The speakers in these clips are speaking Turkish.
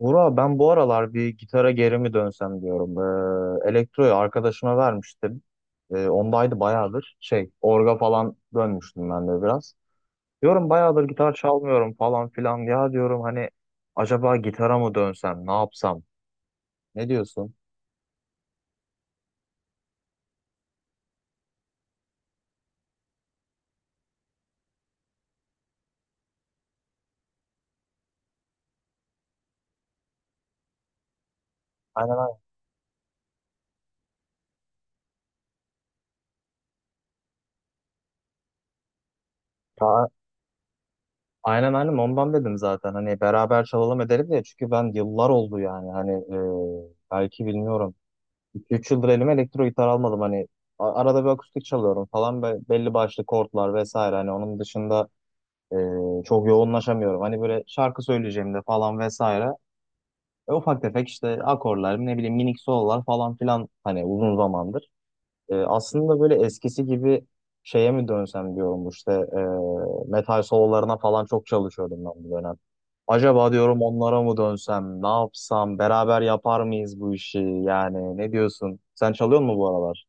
Vura ben bu aralar bir gitara geri mi dönsem diyorum. Elektroyu arkadaşıma vermiştim. Ondaydı bayağıdır. Orga falan dönmüştüm ben de biraz. Diyorum bayağıdır gitar çalmıyorum falan filan. Ya diyorum hani acaba gitara mı dönsem, ne yapsam? Ne diyorsun? Aynen, aynen. Ta- aynen aynen, ondan dedim zaten. Hani beraber çalalım edelim diye. Çünkü ben yıllar oldu yani. Hani belki bilmiyorum. İki üç yıldır elime elektro gitar almadım. Hani arada bir akustik çalıyorum falan. Belli başlı kortlar vesaire. Hani onun dışında e, çok yoğunlaşamıyorum. Hani böyle şarkı söyleyeceğimde falan vesaire. Ufak tefek işte akorlar, ne bileyim minik sololar falan filan hani uzun zamandır. Aslında böyle eskisi gibi şeye mi dönsem diyorum işte, metal sololarına falan çok çalışıyordum ben bu dönem. Acaba diyorum onlara mı dönsem, ne yapsam, beraber yapar mıyız bu işi yani, ne diyorsun? Sen çalıyor musun bu aralar?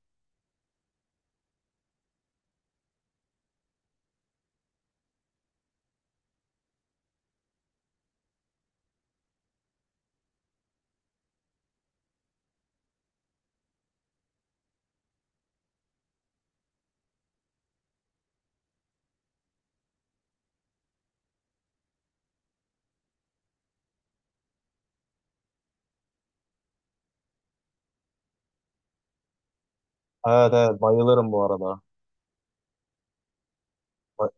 Evet evet, bayılırım bu arada. Ba-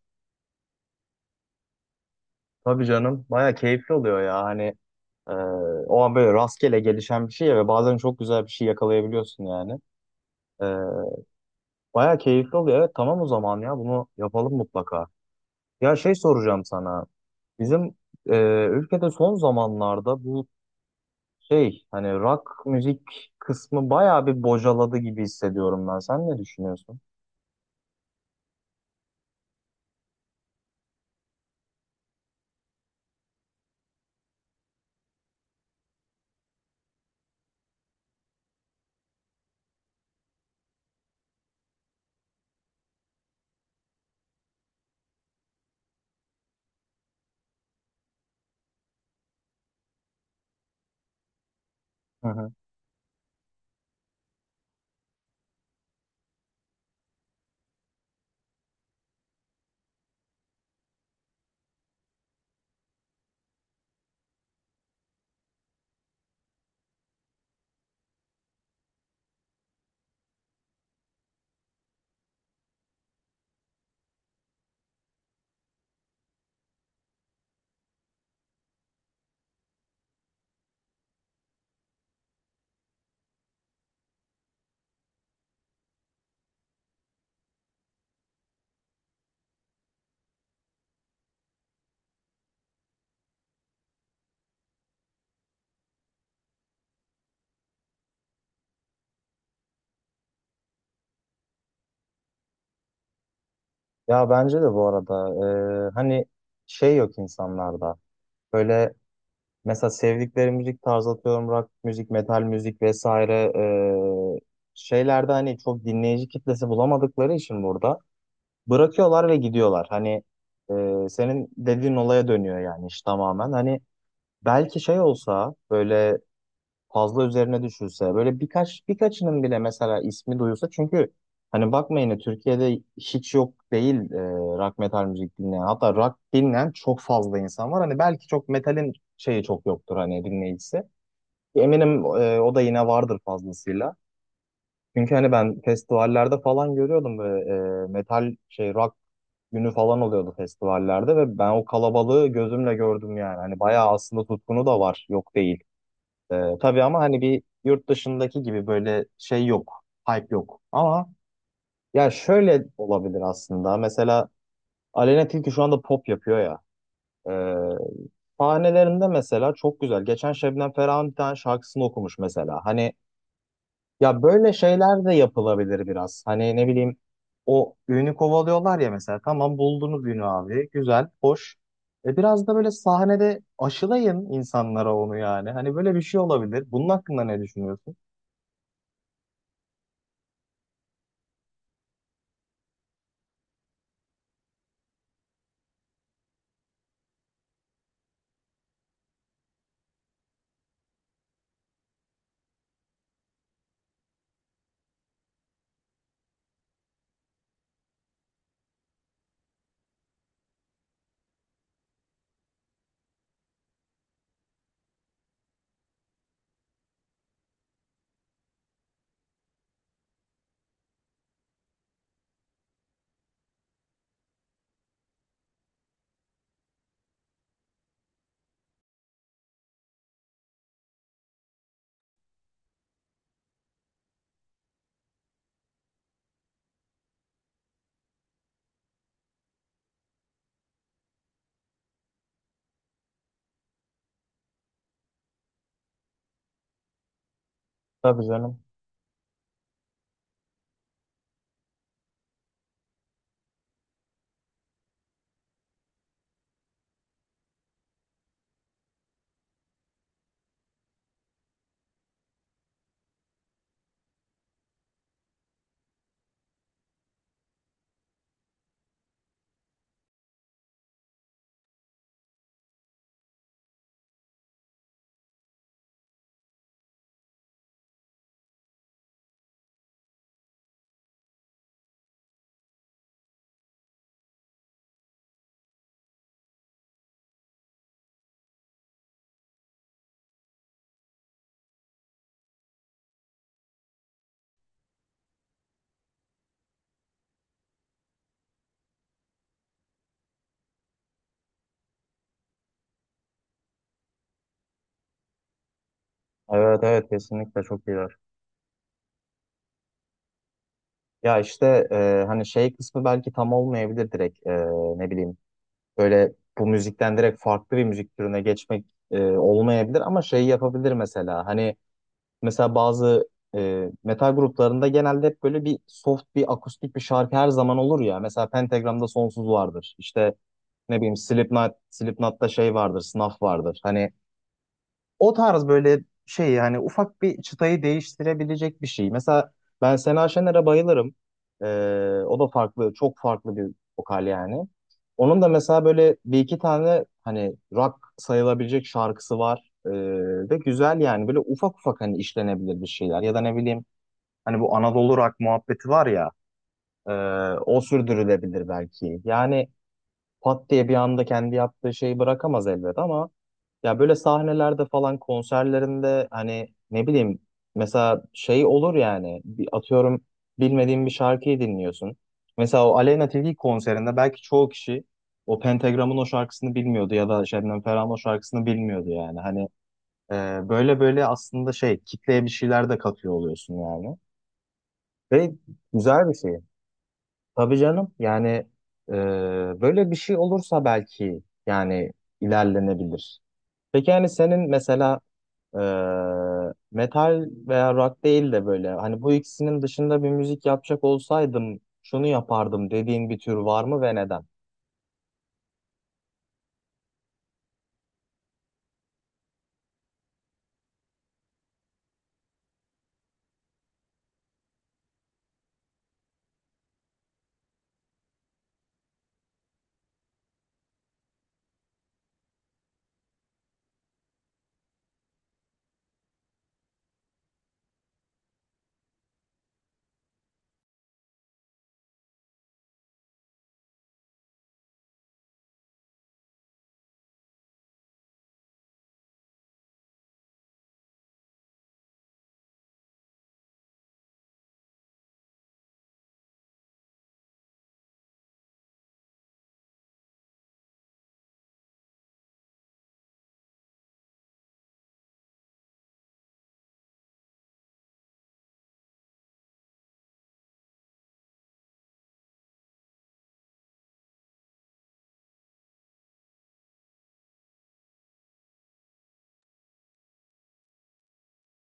Tabii canım, baya keyifli oluyor ya hani e, o an böyle rastgele gelişen bir şey ya ve bazen çok güzel bir şey yakalayabiliyorsun yani. E, Baya keyifli oluyor, evet tamam, o zaman ya bunu yapalım mutlaka. Ya şey soracağım sana. Bizim e, ülkede son zamanlarda bu şey hani rock müzik kısmı bayağı bir bocaladı gibi hissediyorum ben. Sen ne düşünüyorsun? Hı hı. Ya bence de bu arada hani şey yok insanlarda. Böyle mesela sevdikleri müzik tarzı, atıyorum rock müzik, metal müzik vesaire e, şeylerde hani çok dinleyici kitlesi bulamadıkları için burada bırakıyorlar ve gidiyorlar. Hani senin dediğin olaya dönüyor yani iş tamamen. Hani belki şey olsa, böyle fazla üzerine düşülse, böyle birkaçının bile mesela ismi duyulsa. Çünkü hani bakmayın ya, Türkiye'de hiç yok değil rock metal müzik dinleyen, hatta rock dinleyen çok fazla insan var. Hani belki çok metalin şeyi çok yoktur hani, dinleyicisi, eminim o da yine vardır fazlasıyla, çünkü hani ben festivallerde falan görüyordum böyle metal şey rock günü falan oluyordu festivallerde ve ben o kalabalığı gözümle gördüm yani. Hani bayağı aslında tutkunu da var, yok değil. Tabii ama hani bir yurt dışındaki gibi böyle şey yok. Hype yok. Ama ya şöyle olabilir aslında. Mesela Aleyna Tilki şu anda pop yapıyor ya. Ee, Sahnelerinde mesela çok güzel. Geçen Şebnem Ferah'ın bir tane şarkısını okumuş mesela. Hani ya böyle şeyler de yapılabilir biraz. Hani ne bileyim, o ünü kovalıyorlar ya mesela. Tamam, buldunuz ünü abi. Güzel, hoş. E biraz da böyle sahnede aşılayın insanlara onu yani. Hani böyle bir şey olabilir. Bunun hakkında ne düşünüyorsun? Tabii canım. Evet evet, kesinlikle çok iyiler. Ya işte hani şey kısmı belki tam olmayabilir direkt. Ne bileyim, böyle bu müzikten direkt farklı bir müzik türüne geçmek olmayabilir ama şey yapabilir mesela. Hani mesela bazı metal gruplarında genelde hep böyle bir soft, bir akustik bir şarkı her zaman olur ya, mesela Pentagram'da Sonsuz vardır işte, ne bileyim Slipknot, Slipknot'ta şey vardır, Snuff vardır hani. O tarz böyle şey yani, ufak bir çıtayı değiştirebilecek bir şey. Mesela ben Sena Şener'e bayılırım. Ee, O da farklı, çok farklı bir vokal yani. Onun da mesela böyle bir iki tane hani rock sayılabilecek şarkısı var. Ve güzel yani, böyle ufak ufak hani işlenebilir bir şeyler. Ya da ne bileyim, hani bu Anadolu rock muhabbeti var ya, e, o sürdürülebilir belki. Yani pat diye bir anda kendi yaptığı şeyi bırakamaz elbet ama ya böyle sahnelerde falan, konserlerinde hani ne bileyim, mesela şey olur yani, bir atıyorum, bilmediğin bir şarkıyı dinliyorsun. Mesela o Aleyna Tilki konserinde belki çoğu kişi o Pentagram'ın o şarkısını bilmiyordu ya da Şebnem Ferah'ın o şarkısını bilmiyordu yani. Hani böyle böyle aslında şey, kitleye bir şeyler de katıyor oluyorsun yani. Ve güzel bir şey. Tabii canım yani, e, böyle bir şey olursa belki yani ilerlenebilir. Peki yani senin mesela, ee, metal veya rock değil de böyle hani bu ikisinin dışında bir müzik yapacak olsaydım şunu yapardım dediğin bir tür var mı ve neden?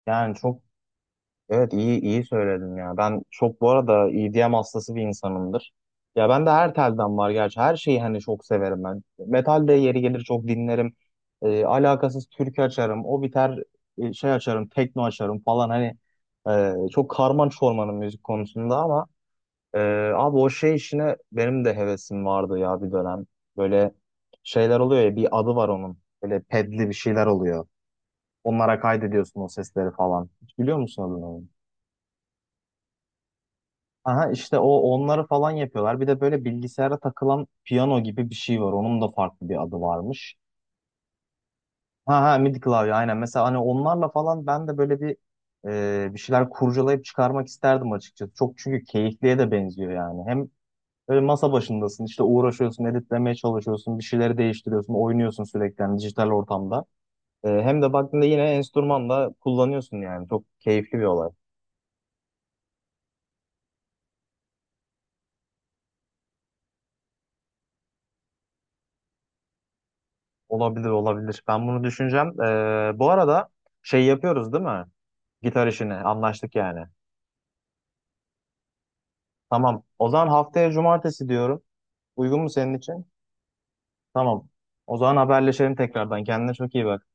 Yani çok, evet iyi iyi söyledin ya. Ben çok bu arada EDM hastası bir insanımdır. Ya ben de her telden var gerçi. Her şeyi hani çok severim ben. Metal de yeri gelir çok dinlerim. Alakasız türkü açarım. O biter, şey açarım, tekno açarım falan. Hani çok karman çormanın müzik konusunda ama. Ee, abi o şey işine benim de hevesim vardı ya bir dönem. Böyle şeyler oluyor ya, bir adı var onun. Böyle pedli bir şeyler oluyor. Onlara kaydediyorsun o sesleri falan. Hiç biliyor musun adını onun? Aha işte, o onları falan yapıyorlar. Bir de böyle bilgisayara takılan piyano gibi bir şey var. Onun da farklı bir adı varmış. Ha ha, MIDI klavye, aynen. Mesela hani onlarla falan ben de böyle bir şeyler kurcalayıp çıkarmak isterdim açıkçası. Çok çünkü keyifliye de benziyor yani. Hem böyle masa başındasın, işte uğraşıyorsun, editlemeye çalışıyorsun, bir şeyleri değiştiriyorsun, oynuyorsun sürekli yani dijital ortamda. Hem de baktığında yine enstrüman da kullanıyorsun yani. Çok keyifli bir olay. Olabilir, olabilir. Ben bunu düşüneceğim. Bu arada şey yapıyoruz değil mi? Gitar işini anlaştık yani. Tamam. O zaman haftaya cumartesi diyorum. Uygun mu senin için? Tamam. O zaman haberleşelim tekrardan. Kendine çok iyi bak.